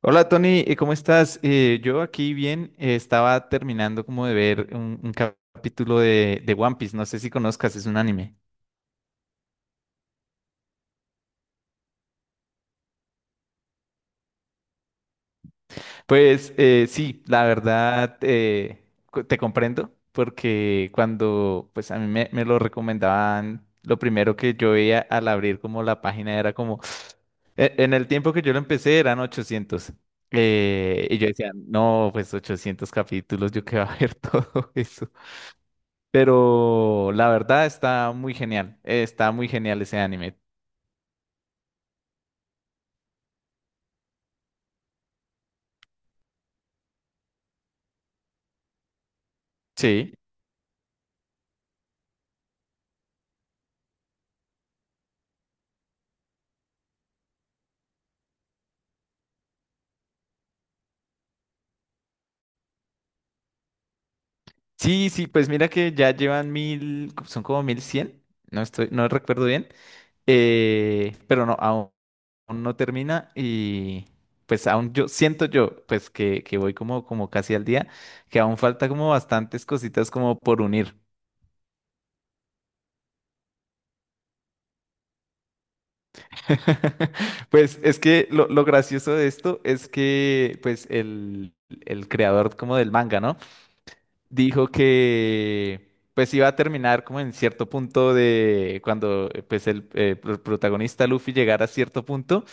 Hola Tony, ¿cómo estás? Yo aquí bien, estaba terminando como de ver un capítulo de One Piece, no sé si conozcas, es un anime. Pues sí, la verdad te comprendo, porque cuando pues a mí me lo recomendaban, lo primero que yo veía al abrir como la página era como, en el tiempo que yo lo empecé eran 800. Y yo decía, no, pues 800 capítulos, yo qué va a ver todo eso. Pero la verdad está muy genial. Está muy genial ese anime. Sí. Sí, sí, pues mira que ya llevan 1000, son como 1100. No estoy, no recuerdo bien. Pero no, aún no termina. Y pues aún yo siento yo, pues que voy como casi al día, que aún falta como bastantes cositas como por unir. Pues es que lo gracioso de esto es que pues el creador como del manga, ¿no? Dijo que pues iba a terminar como en cierto punto de cuando pues protagonista Luffy llegara a cierto punto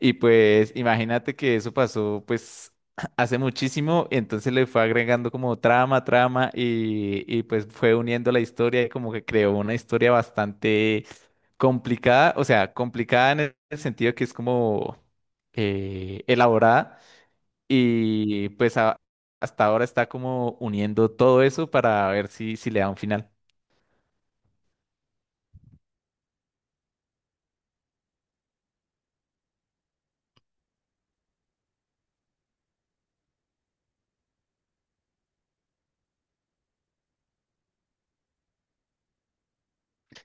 y pues imagínate que eso pasó pues hace muchísimo. Entonces le fue agregando como trama, trama y pues fue uniendo la historia y como que creó una historia bastante complicada, o sea, complicada en el sentido que es como elaborada y pues hasta ahora está como uniendo todo eso para ver si le da un final.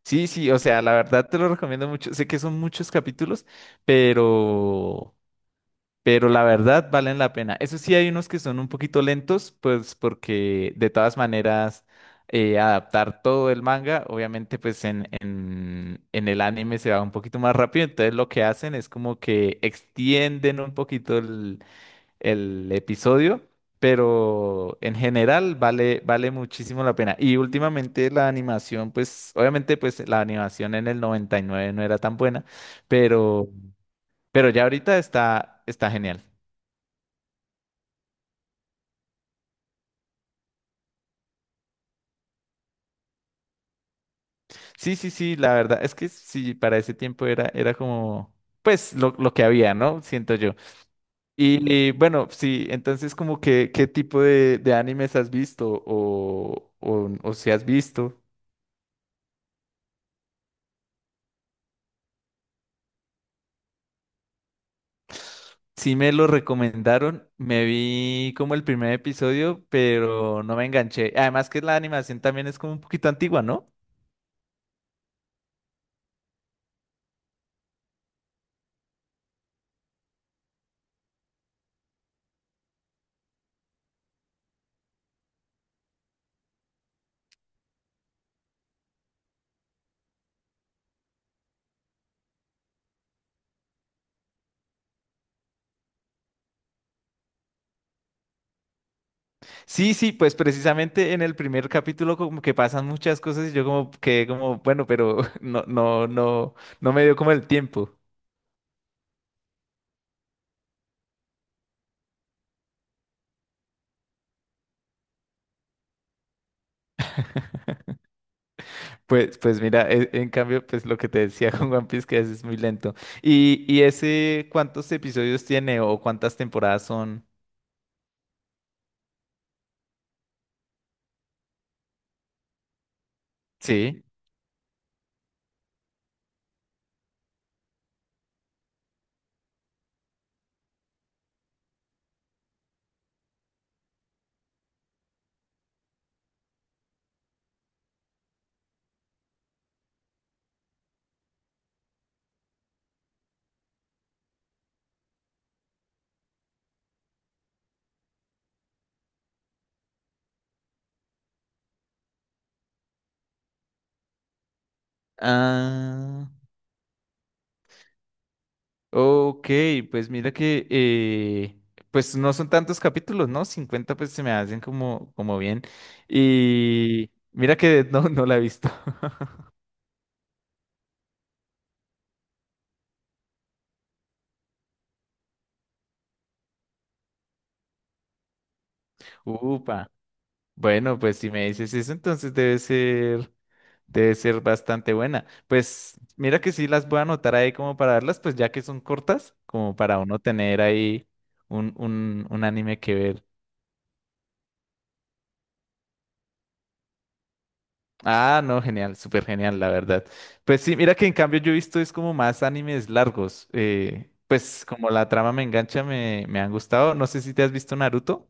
Sí, sí, o sea, la verdad te lo recomiendo mucho. Sé que son muchos capítulos, pero, pero la verdad valen la pena. Eso sí, hay unos que son un poquito lentos, pues porque de todas maneras adaptar todo el manga, obviamente pues en el anime se va un poquito más rápido. Entonces lo que hacen es como que extienden un poquito el episodio, pero en general vale muchísimo la pena. Y últimamente la animación, pues obviamente pues la animación en el 99 no era tan buena, pero, pero ya ahorita está genial. Sí, sí, sí, la verdad es que sí, para ese tiempo era como, pues lo que había, ¿no? Siento yo. Y bueno, sí, entonces como que, ¿qué tipo de animes has visto o si has visto? Sí me lo recomendaron, me vi como el primer episodio, pero no me enganché. Además que la animación también es como un poquito antigua, ¿no? Sí, sí, pues precisamente en el primer capítulo como que pasan muchas cosas y yo como que como, bueno, pero no, no, no, no me dio como el tiempo. Pues mira, en cambio, pues lo que te decía con One Piece, que a veces es muy lento. ¿Y ese cuántos episodios tiene o cuántas temporadas son? Sí. Ah. Ok, pues mira que pues no son tantos capítulos, ¿no? 50 pues se me hacen como bien. Y mira que no, no la he visto. Upa. Bueno, pues si me dices eso, entonces debe ser bastante buena. Pues mira que sí las voy a anotar ahí como para verlas, pues ya que son cortas, como para uno tener ahí un anime que ver. Ah, no, genial, súper genial, la verdad. Pues sí, mira que en cambio yo he visto es como más animes largos. Pues como la trama me engancha, me han gustado. No sé si te has visto Naruto.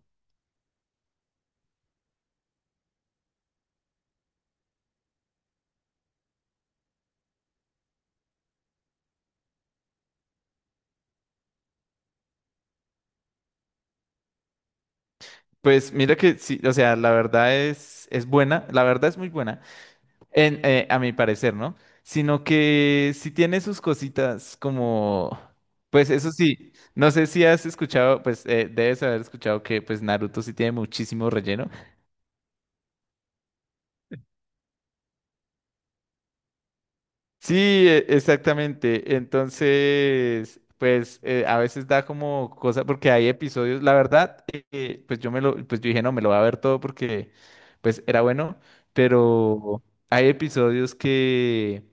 Pues mira que sí, o sea, la verdad es buena, la verdad es muy buena, a mi parecer, ¿no? Sino que sí tiene sus cositas como, pues eso sí, no sé si has escuchado, pues debes haber escuchado que pues Naruto sí tiene muchísimo relleno. Sí, exactamente. Entonces, pues a veces da como cosa, porque hay episodios, la verdad, pues yo dije, no, me lo voy a ver todo porque pues era bueno, pero hay episodios que,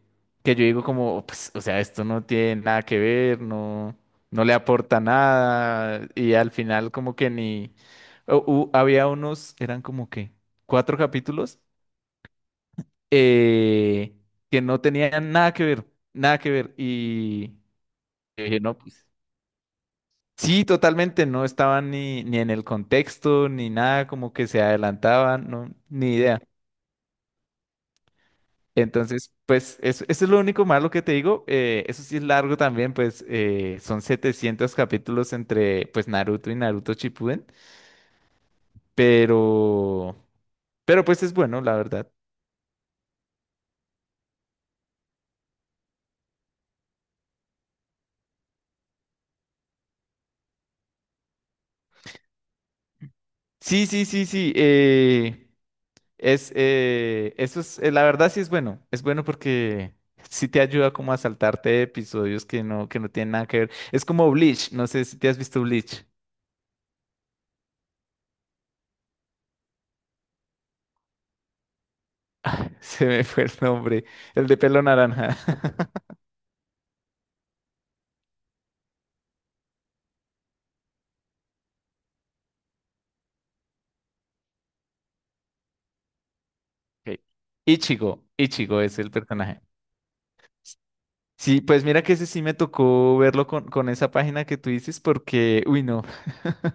que yo digo como, pues, o sea, esto no tiene nada que ver, no, no le aporta nada, y al final como que ni, había unos, eran como que cuatro capítulos eh, que no tenían nada que ver, nada que ver. Y yo dije, no, pues sí, totalmente, no estaban ni en el contexto, ni nada, como que se adelantaban, no, ni idea. Entonces, pues eso es lo único malo que te digo. Eso sí es largo también, pues son 700 capítulos entre pues Naruto y Naruto Shippuden, pero, pero pues es bueno, la verdad. Sí, sí, sí, sí. La verdad sí es bueno porque sí te ayuda como a saltarte episodios que no tienen nada que ver. Es como Bleach, no sé si te has visto Bleach, se me fue el nombre, el de pelo naranja. Ok. Ichigo, Ichigo es el personaje. Sí, pues mira que ese sí me tocó verlo con esa página que tú dices porque, uy, no.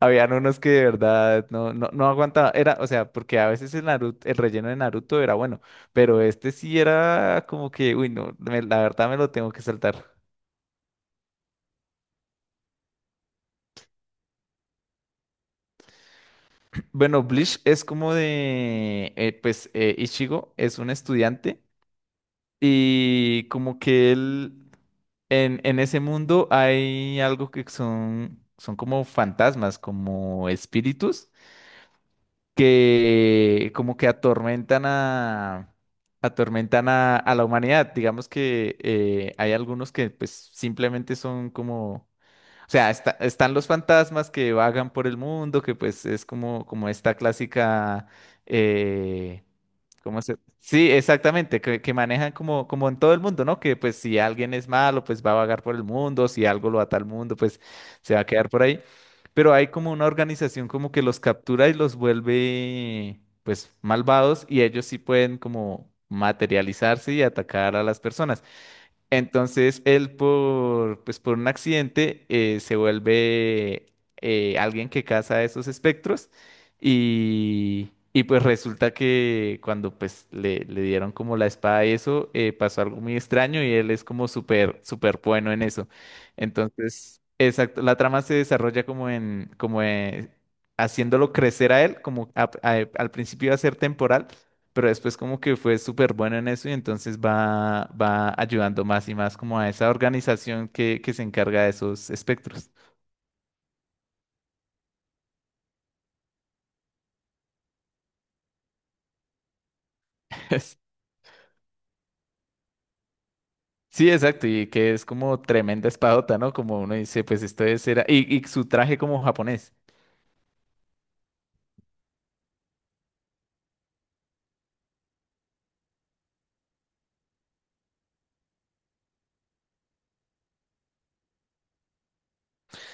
Habían unos que de verdad no, no, no aguantaba, era, o sea, porque a veces el Naruto, el relleno de Naruto era bueno, pero este sí era como que, uy, no, la verdad me lo tengo que saltar. Bueno, Bleach es como pues, Ichigo es un estudiante y como que en, ese mundo hay algo que son como fantasmas, como espíritus que como que atormentan a la humanidad. Digamos que hay algunos que pues simplemente son como, o sea, están los fantasmas que vagan por el mundo, que pues es como esta clásica, eh, ¿cómo se? Sí, exactamente, que manejan como en todo el mundo, ¿no? Que pues si alguien es malo, pues va a vagar por el mundo, si algo lo ata al mundo, pues se va a quedar por ahí. Pero hay como una organización como que los captura y los vuelve pues malvados y ellos sí pueden como materializarse y atacar a las personas. Entonces él pues por un accidente se vuelve alguien que caza esos espectros y pues resulta que cuando pues le dieron como la espada y eso pasó algo muy extraño y él es como súper súper bueno en eso. Entonces, exacto, la trama se desarrolla como en como haciéndolo crecer a él, como al principio iba a ser temporal pero después como que fue súper bueno en eso y entonces va ayudando más y más como a esa organización que se encarga de esos espectros. Es- Sí, exacto, y que es como tremenda espadota, ¿no? Como uno dice, pues esto es era, y su traje como japonés.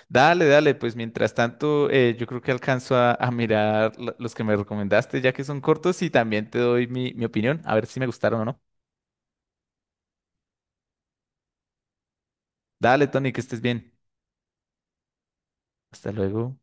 Dale, dale, pues mientras tanto, yo creo que alcanzo a mirar los que me recomendaste, ya que son cortos, y también te doy mi opinión, a ver si me gustaron o no. Dale, Tony, que estés bien. Hasta luego.